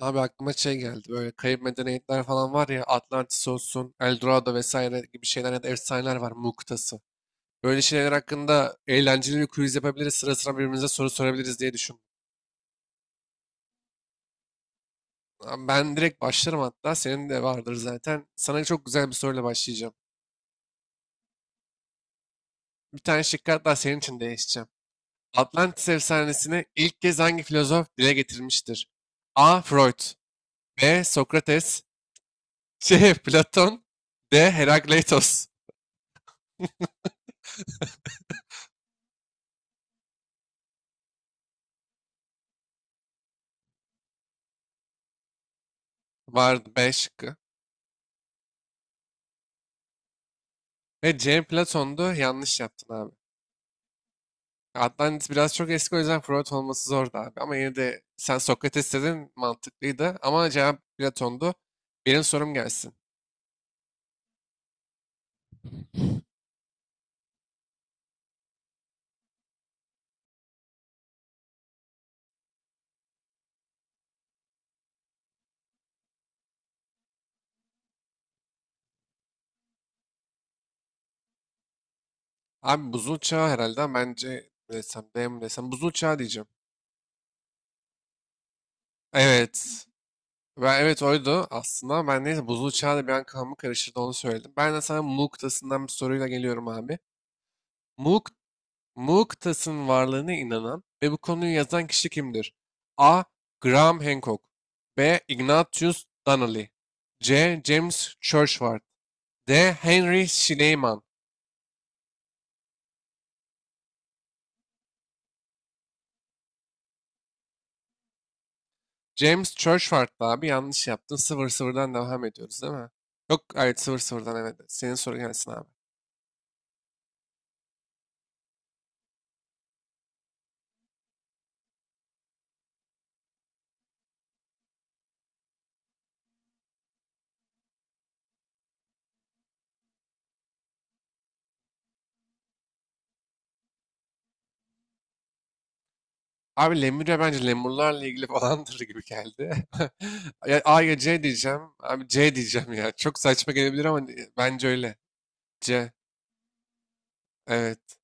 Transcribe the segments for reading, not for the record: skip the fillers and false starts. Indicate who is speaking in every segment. Speaker 1: Abi aklıma şey geldi. Böyle kayıp medeniyetler falan var ya. Atlantis olsun, Eldorado vesaire gibi şeyler ya da efsaneler var. Mu kıtası. Böyle şeyler hakkında eğlenceli bir quiz yapabiliriz. Sıra sıra birbirimize soru sorabiliriz diye düşündüm. Abi ben direkt başlarım hatta. Senin de vardır zaten. Sana çok güzel bir soruyla başlayacağım. Bir tane şıkkı hatta senin için değişeceğim. Atlantis efsanesini ilk kez hangi filozof dile getirmiştir? A. Freud. B. Sokrates. C. Platon. D. Herakleitos. Vardı 5. Ve cem Platon'du. Yanlış yaptın abi. Atlantis biraz çok eski, o yüzden Freud olması zordu abi. Ama yine de sen Sokrates dedin, mantıklıydı. Ama cevap Platon'du. Benim sorum gelsin. Abi buzul çağı herhalde, ama bence ne desem, D mi desem, buzul çağı diyeceğim. Evet. Ben, evet, oydu aslında. Ben neyse, buzul çağı da bir an kafamı karıştırdı, onu söyledim. Ben de sana Mu kıtasından bir soruyla geliyorum abi. Mu Mu kıtasının varlığına inanan ve bu konuyu yazan kişi kimdir? A. Graham Hancock. B. Ignatius Donnelly. C. James Churchward. D. Henry Schleiman. James Churchward da abi, yanlış yaptın. 0-0'dan devam ediyoruz değil mi? Yok, evet, 0-0'dan evet. Senin sorun gelsin abi. Abi Lemurya bence lemurlarla ilgili falandır gibi geldi. Ya A ya C diyeceğim. Abi C diyeceğim ya. Çok saçma gelebilir ama bence öyle. C. Evet.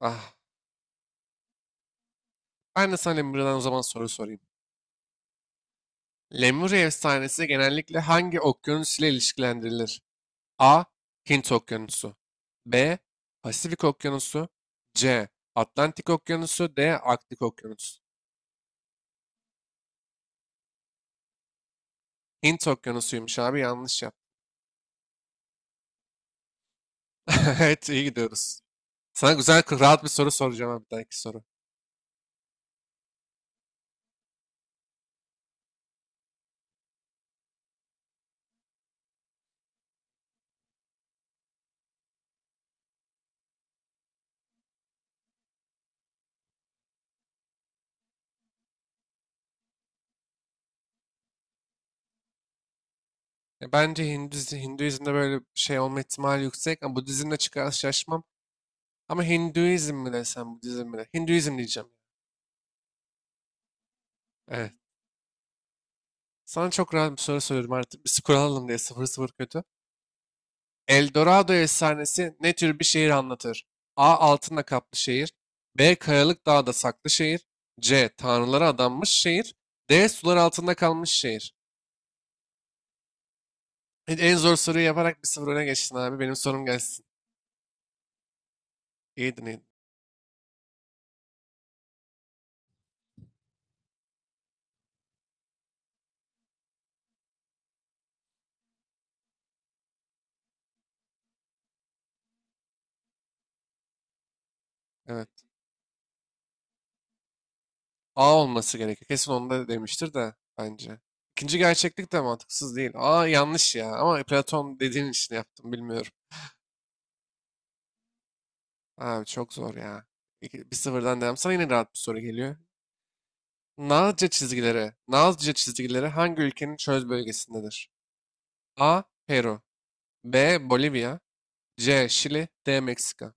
Speaker 1: Ah. Ben de sana Lemuria'dan o zaman soru sorayım. Lemuria efsanesi genellikle hangi okyanus ile ilişkilendirilir? A. Hint Okyanusu. B. Pasifik Okyanusu. C. Atlantik Okyanusu. D. Arktik Okyanusu. Hint Okyanusu'ymuş abi, yanlış yap. Evet, iyi gidiyoruz. Sana güzel rahat bir soru soracağım abi, bir dahaki soru. Ya bence Hinduizm, Hinduizm'de böyle bir şey olma ihtimali yüksek ama Budizm'le çıkarsa şaşmam. Ama Hinduizm mi desem, Budizm mi desem? Hinduizm diyeceğim. Evet. Sana çok rahat bir soru soruyorum artık. Bir skor alalım diye, sıfır sıfır kötü. El Dorado efsanesi ne tür bir şehir anlatır? A. Altınla kaplı şehir. B. Kayalık dağda saklı şehir. C. Tanrılara adanmış şehir. D. Sular altında kalmış şehir. En zor soruyu yaparak bir sıfır öne geçtin abi. Benim sorum gelsin. İyiydin. Evet. A olması gerekiyor. Kesin onu da demiştir de bence. İkinci gerçeklik de mantıksız değil. A yanlış ya. Ama Platon dediğin için yaptım, bilmiyorum. Abi çok zor ya. İki- Bir sıfırdan devam. Sana yine rahat bir soru geliyor. Nazca çizgileri. Nazca çizgileri hangi ülkenin çöl bölgesindedir? A. Peru. B. Bolivya. C. Şili. D. Meksika.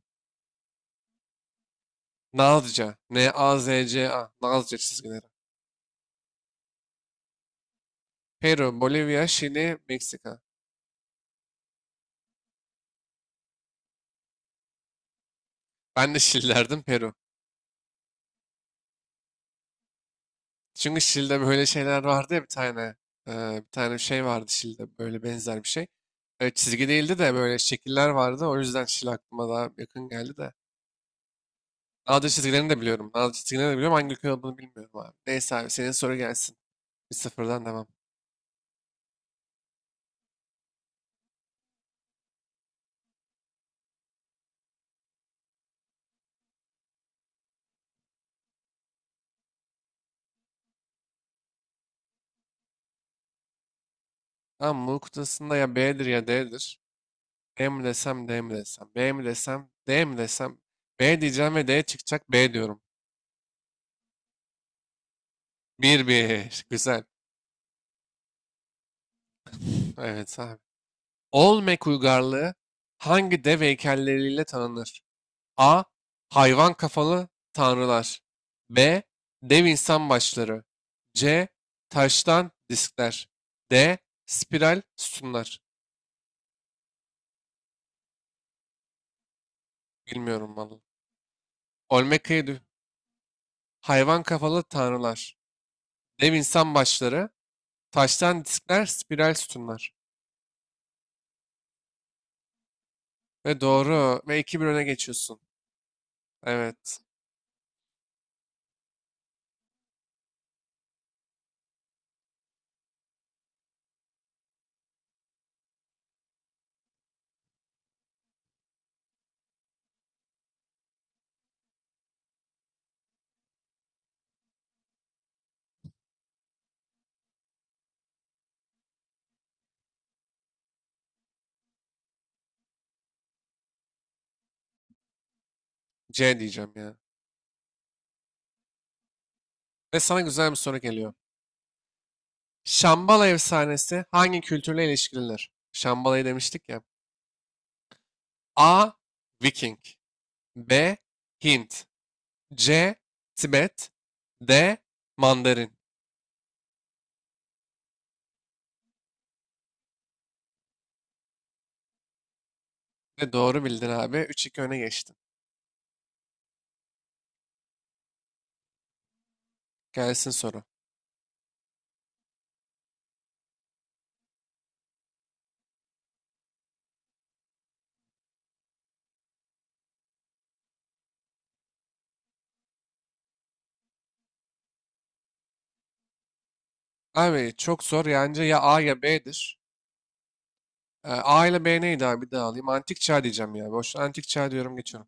Speaker 1: Nazca, N-A-Z-C-A, Nazca çizgileri. Peru, Bolivya, Şili, Meksika. Ben de Şili derdim, Peru. Çünkü Şili'de böyle şeyler vardı ya bir tane. Bir tane şey vardı Şili'de, böyle benzer bir şey. Çizgi değildi de böyle şekiller vardı. O yüzden Şili aklıma daha yakın geldi de. Dalga çizgilerini de biliyorum. Hangi ülke olduğunu bilmiyorum abi. Neyse abi, senin soru gelsin. Bir sıfırdan devam. Tamam, Mu kutusunda ya B'dir ya D'dir. E mi desem D mi desem. D mi desem. B diyeceğim ve D çıkacak, B diyorum. Bir bir. Güzel. Evet abi. Olmek uygarlığı hangi dev heykelleriyle tanınır? A. Hayvan kafalı tanrılar. B. Dev insan başları. C. Taştan diskler. D. Spiral sütunlar. Bilmiyorum vallahi. Olmeka'yı. Hayvan kafalı tanrılar. Dev insan başları. Taştan diskler. Spiral sütunlar. Ve doğru. Ve iki bir öne geçiyorsun. Evet. C diyeceğim ya. Ve sana güzel bir soru geliyor. Şambala efsanesi hangi kültürle ilişkilidir? Şambala'yı demiştik ya. A. Viking. B. Hint. C. Tibet. D. Mandarin. Ve doğru bildin abi. Üç iki öne geçtin. Gelsin soru. Abi çok zor. Yani ya A ya B'dir. A ile B neydi abi? Bir daha alayım. Antik çağ diyeceğim ya. Boş, antik çağ diyorum, geçiyorum.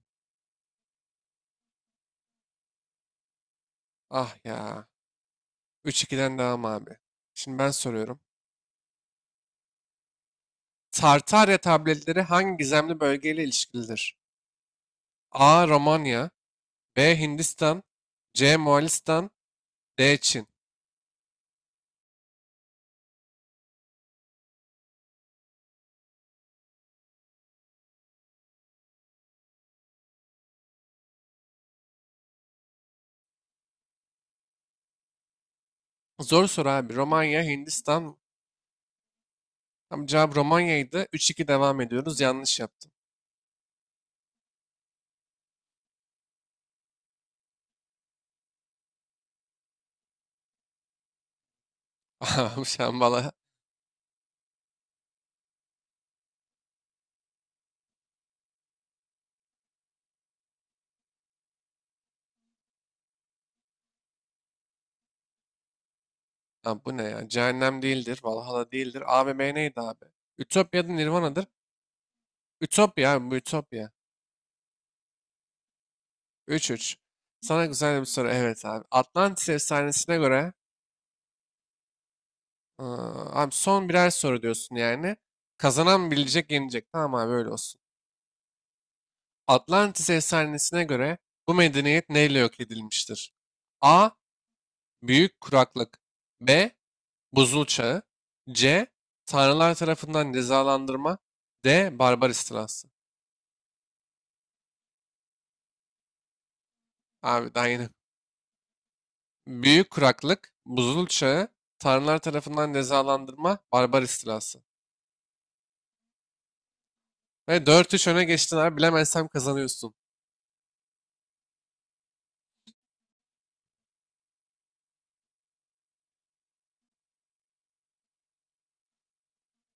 Speaker 1: Ah ya. 3-2'den devam abi. Şimdi ben soruyorum. Tartarya tabletleri hangi gizemli bölgeyle ilişkilidir? A. Romanya. B. Hindistan. C. Moğolistan. D. Çin. Zor soru abi. Romanya, Hindistan. Tam cevap Romanya'ydı. Üç iki devam ediyoruz. Yanlış yaptım. Abi sen valla... Ha, bu ne ya? Cehennem değildir, Valhalla değildir. A ve B neydi abi? Ütopya'da Nirvana'dır. Ütopya abi, bu Ütopya. Üç 3. Sana güzel bir soru. Evet abi. Atlantis efsanesine göre... Aa, abi son birer soru diyorsun yani. Kazanan bilecek, yenecek. Tamam abi, öyle olsun. Atlantis efsanesine göre bu medeniyet neyle yok edilmiştir? A. Büyük kuraklık. B. Buzul Çağı. C. Tanrılar tarafından cezalandırma. D. Barbar istilası. Abi daha yeni. Büyük kuraklık, buzul çağı, tanrılar tarafından cezalandırma, barbar istilası. Ve dört üç öne geçtin abi. Bilemezsem kazanıyorsun.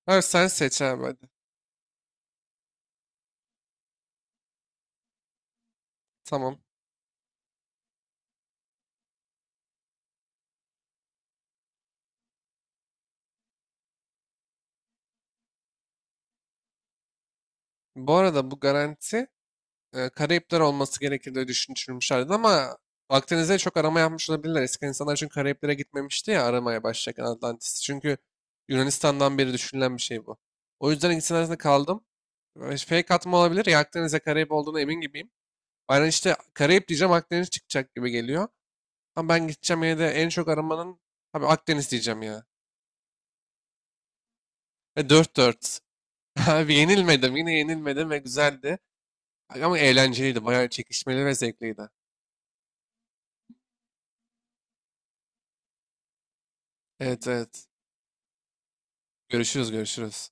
Speaker 1: Abi sen seç abi, hadi. Tamam. Bu arada bu garanti, Karayipler olması gerekir diye düşünmüşlerdi, ama Akdeniz'de çok arama yapmış olabilirler. Eski insanlar, çünkü Karayiplere gitmemişti ya aramaya başlarken Atlantis. Çünkü Yunanistan'dan beri düşünülen bir şey bu. O yüzden ikisinin arasında kaldım. Fake atma olabilir ya Akdeniz'de, Karayip olduğuna emin gibiyim. Aynen işte, Karayip diyeceğim, Akdeniz çıkacak gibi geliyor. Ama ben gideceğim yine de en çok aramanın, tabii Akdeniz diyeceğim ya. 4-4. Abi yenilmedim, yine yenilmedim ve güzeldi. Ama eğlenceliydi, bayağı çekişmeli ve zevkliydi. Evet, evet. Görüşürüz.